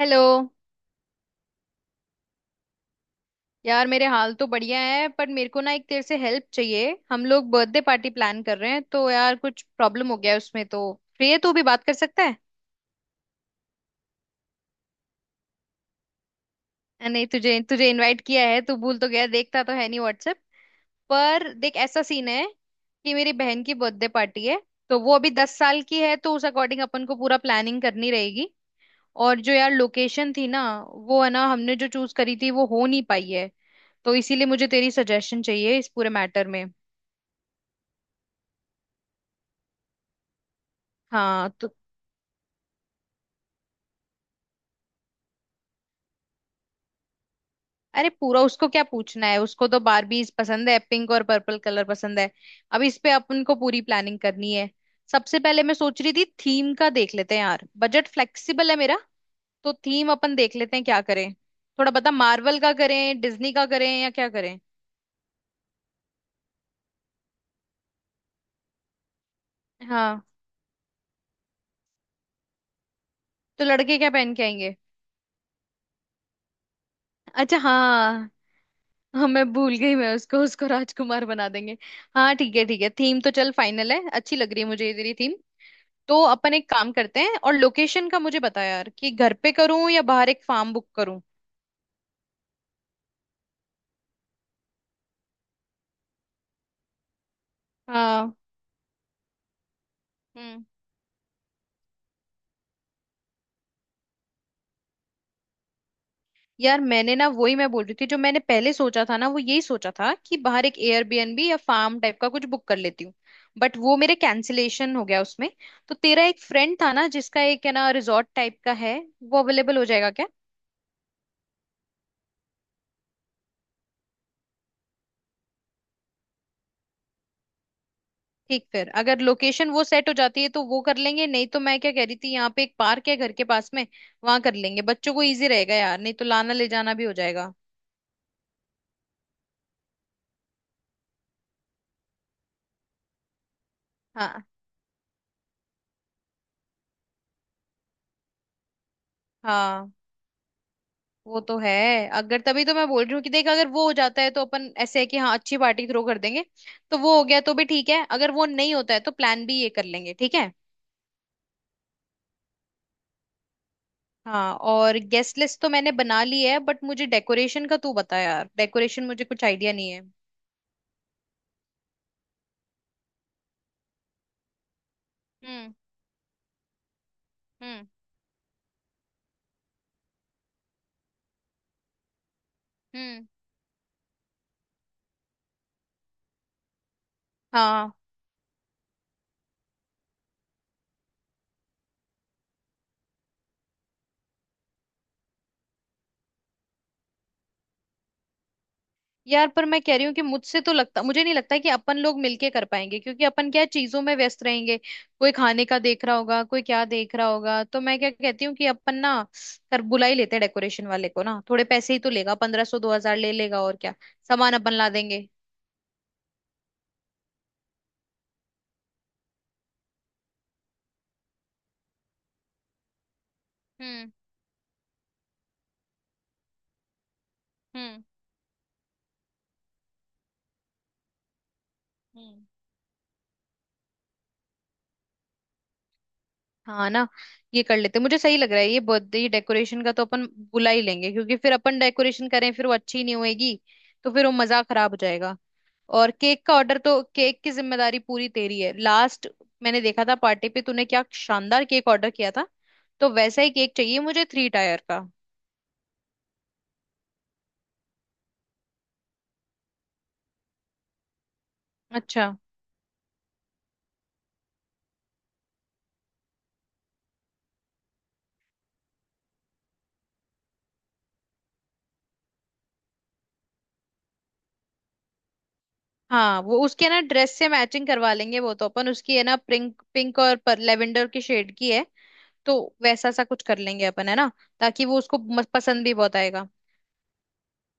Hello. यार मेरे हाल तो बढ़िया है, पर मेरे को ना एक तेरे से हेल्प चाहिए। हम लोग बर्थडे पार्टी प्लान कर रहे हैं तो यार कुछ प्रॉब्लम हो गया है उसमें। तो फ्री है तू? भी बात कर सकता है? नहीं, तुझे तुझे इनवाइट किया है, तू भूल तो गया, देखता तो है नहीं व्हाट्सएप पर। देख, ऐसा सीन है कि मेरी बहन की बर्थडे पार्टी है। तो वो अभी 10 साल की है, तो उस अकॉर्डिंग अपन को पूरा प्लानिंग करनी रहेगी। और जो यार लोकेशन थी ना, वो है ना, हमने जो चूज करी थी, वो हो नहीं पाई है। तो इसीलिए मुझे तेरी सजेशन चाहिए इस पूरे मैटर में। हाँ तो अरे पूरा उसको क्या पूछना है, उसको तो बारबीज पसंद है, पिंक और पर्पल कलर पसंद है। अब इस पे अपन को पूरी प्लानिंग करनी है। सबसे पहले मैं सोच रही थी थीम का देख लेते हैं। यार बजट फ्लेक्सिबल है मेरा, तो थीम अपन देख लेते हैं। क्या करें थोड़ा बता, मार्वल का करें, डिज्नी का करें, या क्या करें? हाँ तो लड़के क्या पहन के आएंगे? अच्छा, हाँ। हाँ, मैं भूल गई। मैं उसको उसको राजकुमार बना देंगे। हाँ ठीक है, ठीक है, थीम तो चल फाइनल है। अच्छी लग रही है मुझे ये तेरी थीम। तो अपन एक काम करते हैं, और लोकेशन का मुझे बता यार, कि घर पे करूं या बाहर एक फार्म बुक करूं। हाँ। हम्म। यार मैंने ना, वही मैं बोल रही थी, जो मैंने पहले सोचा था ना, वो यही सोचा था कि बाहर एक एयरबीएनबी या फार्म टाइप का कुछ बुक कर लेती हूँ। बट वो मेरे कैंसिलेशन हो गया उसमें। तो तेरा एक फ्रेंड था ना, जिसका एक है ना रिजॉर्ट टाइप का है, वो अवेलेबल हो जाएगा क्या? ठीक, फिर अगर लोकेशन वो सेट हो जाती है तो वो कर लेंगे। नहीं तो मैं क्या कह रही थी, यहाँ पे एक पार्क है घर के पास में, वहां कर लेंगे। बच्चों को इजी रहेगा यार, नहीं तो लाना ले जाना भी हो जाएगा। हाँ। हाँ, वो तो है। अगर, तभी तो मैं बोल रही हूँ कि देख अगर वो हो जाता है तो अपन ऐसे है कि हाँ अच्छी पार्टी थ्रो कर देंगे। तो वो हो गया तो भी ठीक है, अगर वो नहीं होता है तो प्लान भी ये कर लेंगे, ठीक है। हाँ, और गेस्ट लिस्ट तो मैंने बना ली है, बट मुझे डेकोरेशन का तू बता यार, डेकोरेशन मुझे कुछ आइडिया नहीं है। हम्म। हम्म। हम्म। हाँ। यार पर मैं कह रही हूँ कि मुझसे तो लगता, मुझे नहीं लगता कि अपन लोग मिलके कर पाएंगे, क्योंकि अपन क्या है, चीजों में व्यस्त रहेंगे। कोई खाने का देख रहा होगा, कोई क्या देख रहा होगा। तो मैं क्या कहती हूँ कि अपन ना कर, बुला ही लेते हैं डेकोरेशन वाले को ना, थोड़े पैसे ही तो लेगा, 1,500 2,000 ले लेगा, और क्या। सामान अपन ला देंगे। हम्म। हम्म। हम्म। हाँ ना। ये कर लेते, मुझे सही लग रहा है ये बर्थडे डेकोरेशन का, तो अपन बुला ही लेंगे। क्योंकि फिर अपन डेकोरेशन करें फिर वो अच्छी नहीं होएगी, तो फिर वो मजा खराब हो जाएगा। और केक का ऑर्डर, तो केक की जिम्मेदारी पूरी तेरी है। लास्ट मैंने देखा था पार्टी पे, तूने क्या शानदार केक ऑर्डर किया था। तो वैसा ही केक चाहिए मुझे, 3 टायर का। अच्छा, हाँ, वो उसके ना ड्रेस से मैचिंग करवा लेंगे। वो तो अपन, उसकी है ना पिंक पिंक और पर लेवेंडर की शेड की है, तो वैसा सा कुछ कर लेंगे अपन, है ना। ताकि वो उसको पसंद भी बहुत आएगा।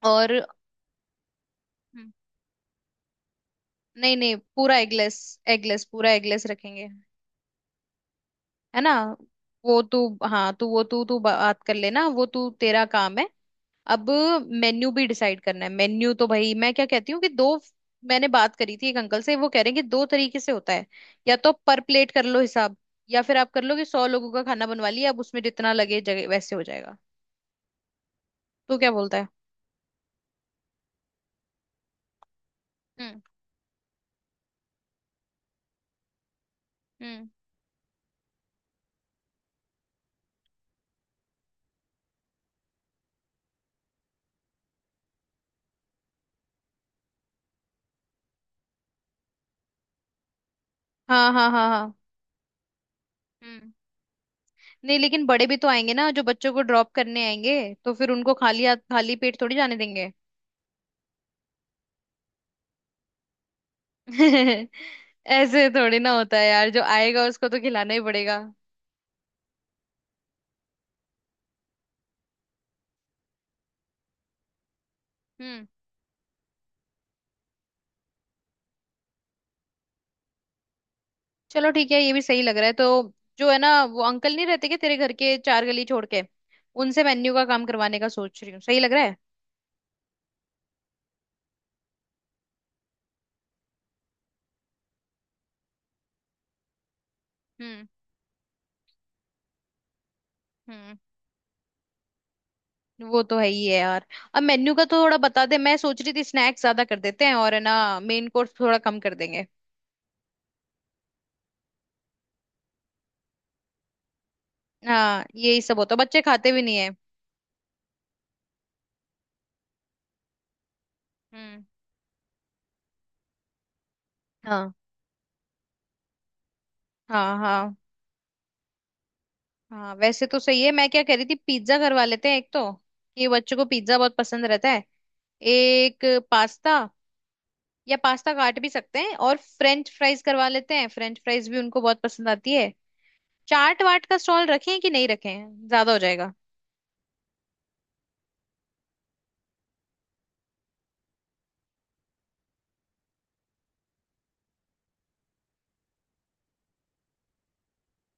और हम्म, नहीं नहीं, पूरा एगलेस। एगलेस, पूरा एगलेस रखेंगे। है ना। वो तू, हाँ तू, वो तू तू बात कर लेना, वो तू, तेरा काम है अब। मेन्यू भी डिसाइड करना है। मेन्यू तो भाई मैं क्या कहती हूँ कि दो, मैंने बात करी थी एक अंकल से, वो कह रहे हैं कि दो तरीके से होता है। या तो पर प्लेट कर लो हिसाब, या फिर आप कर लो कि 100 लोगों का खाना बनवा लिया, अब उसमें जितना लगे जगह वैसे हो जाएगा। तो क्या बोलता है? हम्म। हम्म। हाँ हाँ हाँ हाँ। हम्म। नहीं, लेकिन बड़े भी तो आएंगे ना जो बच्चों को ड्रॉप करने आएंगे, तो फिर उनको खाली हाथ खाली पेट थोड़ी जाने देंगे। ऐसे थोड़ी ना होता है यार, जो आएगा उसको तो खिलाना ही पड़ेगा। हम्म। चलो ठीक है, ये भी सही लग रहा है। तो जो है ना वो अंकल नहीं रहते क्या तेरे घर के चार गली छोड़ के, उनसे मेन्यू का काम करवाने का सोच रही हूँ, सही लग रहा है। हम्म। हम्म। वो तो है ही है यार। अब मेन्यू का तो थोड़ा बता दे, मैं सोच रही थी स्नैक्स ज्यादा कर देते हैं, और है ना मेन कोर्स थोड़ा कम कर देंगे। हाँ यही सब होता है, बच्चे खाते भी नहीं है। हम्म। हाँ। हाँ हाँ हाँ। वैसे तो सही है। मैं क्या कह रही थी, पिज्जा करवा लेते हैं एक तो, ये बच्चों को पिज्जा बहुत पसंद रहता है। एक पास्ता, या पास्ता काट भी सकते हैं, और फ्रेंच फ्राइज करवा लेते हैं, फ्रेंच फ्राइज भी उनको बहुत पसंद आती है। चाट वाट का स्टॉल रखें कि नहीं रखें, ज्यादा हो जाएगा?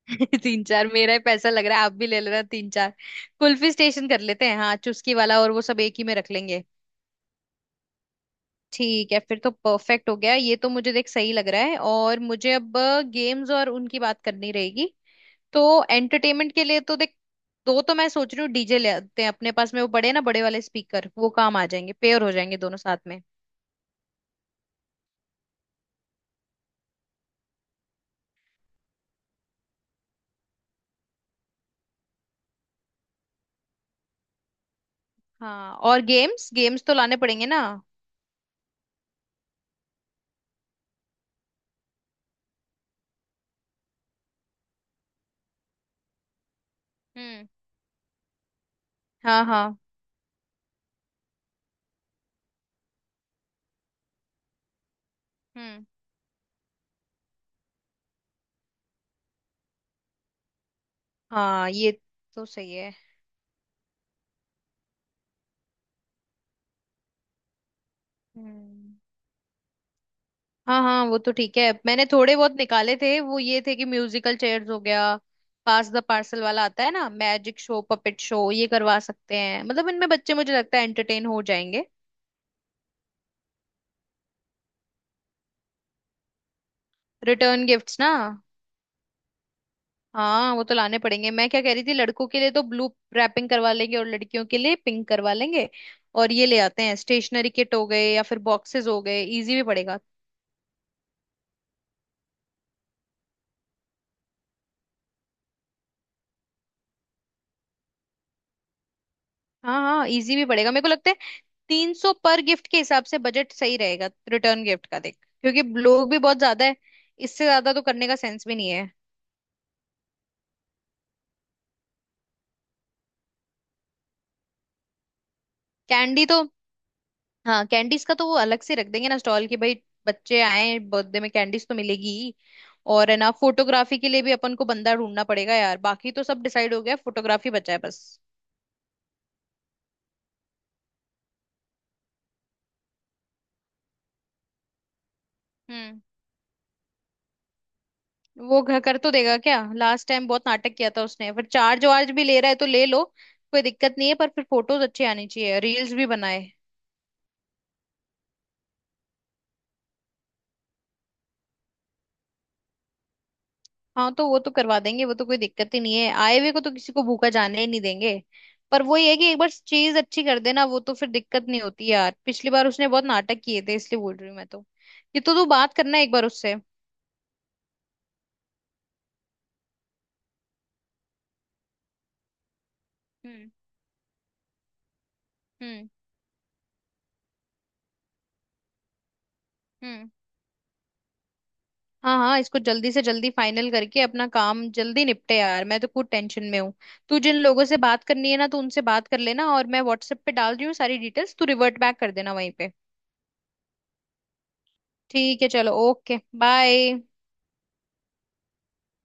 तीन चार मेरा ही पैसा लग रहा है, आप भी ले लेना तीन चार। कुल्फी स्टेशन कर लेते हैं, हाँ चुस्की वाला, और वो सब एक ही में रख लेंगे। ठीक है, फिर तो परफेक्ट हो गया ये तो, मुझे देख सही लग रहा है। और मुझे अब गेम्स और उनकी बात करनी रहेगी। तो एंटरटेनमेंट के लिए तो देख, दो तो मैं सोच रही हूँ डीजे ले आते हैं, अपने पास में वो बड़े ना, बड़े वाले स्पीकर, वो काम आ जाएंगे, पेयर हो जाएंगे दोनों साथ में। हाँ, और गेम्स, गेम्स तो लाने पड़ेंगे ना। हम्म। हाँ। हाँ। हम्म। हाँ, ये तो सही है। हम्म। हाँ हाँ, वो तो ठीक है, मैंने थोड़े बहुत निकाले थे। वो ये थे कि म्यूजिकल चेयर्स हो गया, पास द पार्सल वाला आता है ना, मैजिक शो, पपेट शो, ये करवा सकते हैं। मतलब इनमें बच्चे मुझे लगता है एंटरटेन हो जाएंगे। रिटर्न गिफ्ट्स ना? हाँ वो तो लाने पड़ेंगे। मैं क्या कह रही थी, लड़कों के लिए तो ब्लू रैपिंग करवा लेंगे और लड़कियों के लिए पिंक करवा लेंगे। और ये ले आते हैं स्टेशनरी किट हो गए या फिर बॉक्सेस हो गए, इजी भी पड़ेगा। हाँ हाँ, इजी भी पड़ेगा मेरे को लगता है। 300 पर गिफ्ट के हिसाब से बजट सही रहेगा रिटर्न गिफ्ट का, देख क्योंकि लोग भी बहुत ज्यादा है, इससे ज्यादा तो करने का सेंस भी नहीं है। कैंडी तो, हाँ कैंडीज का तो वो अलग से रख देंगे ना स्टॉल की भाई। बच्चे आए बर्थडे में, कैंडीज तो मिलेगी ही। और है ना फोटोग्राफी के लिए भी अपन को बंदा ढूंढना पड़ेगा यार, बाकी तो सब डिसाइड हो गया, फोटोग्राफी बचा है बस। हम्म। वो घर कर तो देगा क्या? लास्ट टाइम बहुत नाटक किया था उसने, पर चार्ज वार्ज भी ले रहा है तो ले लो, कोई दिक्कत नहीं है, पर फिर फोटोज अच्छे आने चाहिए, रील्स भी बनाए। हाँ तो वो तो करवा देंगे, वो तो कोई दिक्कत ही नहीं है। आए हुए को तो, किसी को भूखा जाने ही नहीं देंगे। पर वही है कि एक बार चीज अच्छी कर देना वो तो फिर दिक्कत नहीं होती यार, पिछली बार उसने बहुत नाटक किए थे इसलिए बोल रही हूँ मैं तो। ये तो तू बात करना एक बार उससे। हम्म। हम्म। हम्म। हाँ हाँ, इसको जल्दी से जल्दी फाइनल करके अपना काम जल्दी निपटे यार, मैं तो खुद टेंशन में हूँ। तू जिन लोगों से बात करनी है ना, तो उनसे बात कर लेना, और मैं व्हाट्सएप पे डाल रही हूँ सारी डिटेल्स, तू रिवर्ट बैक कर देना वहीं पे। ठीक है, चलो, ओके, बाय।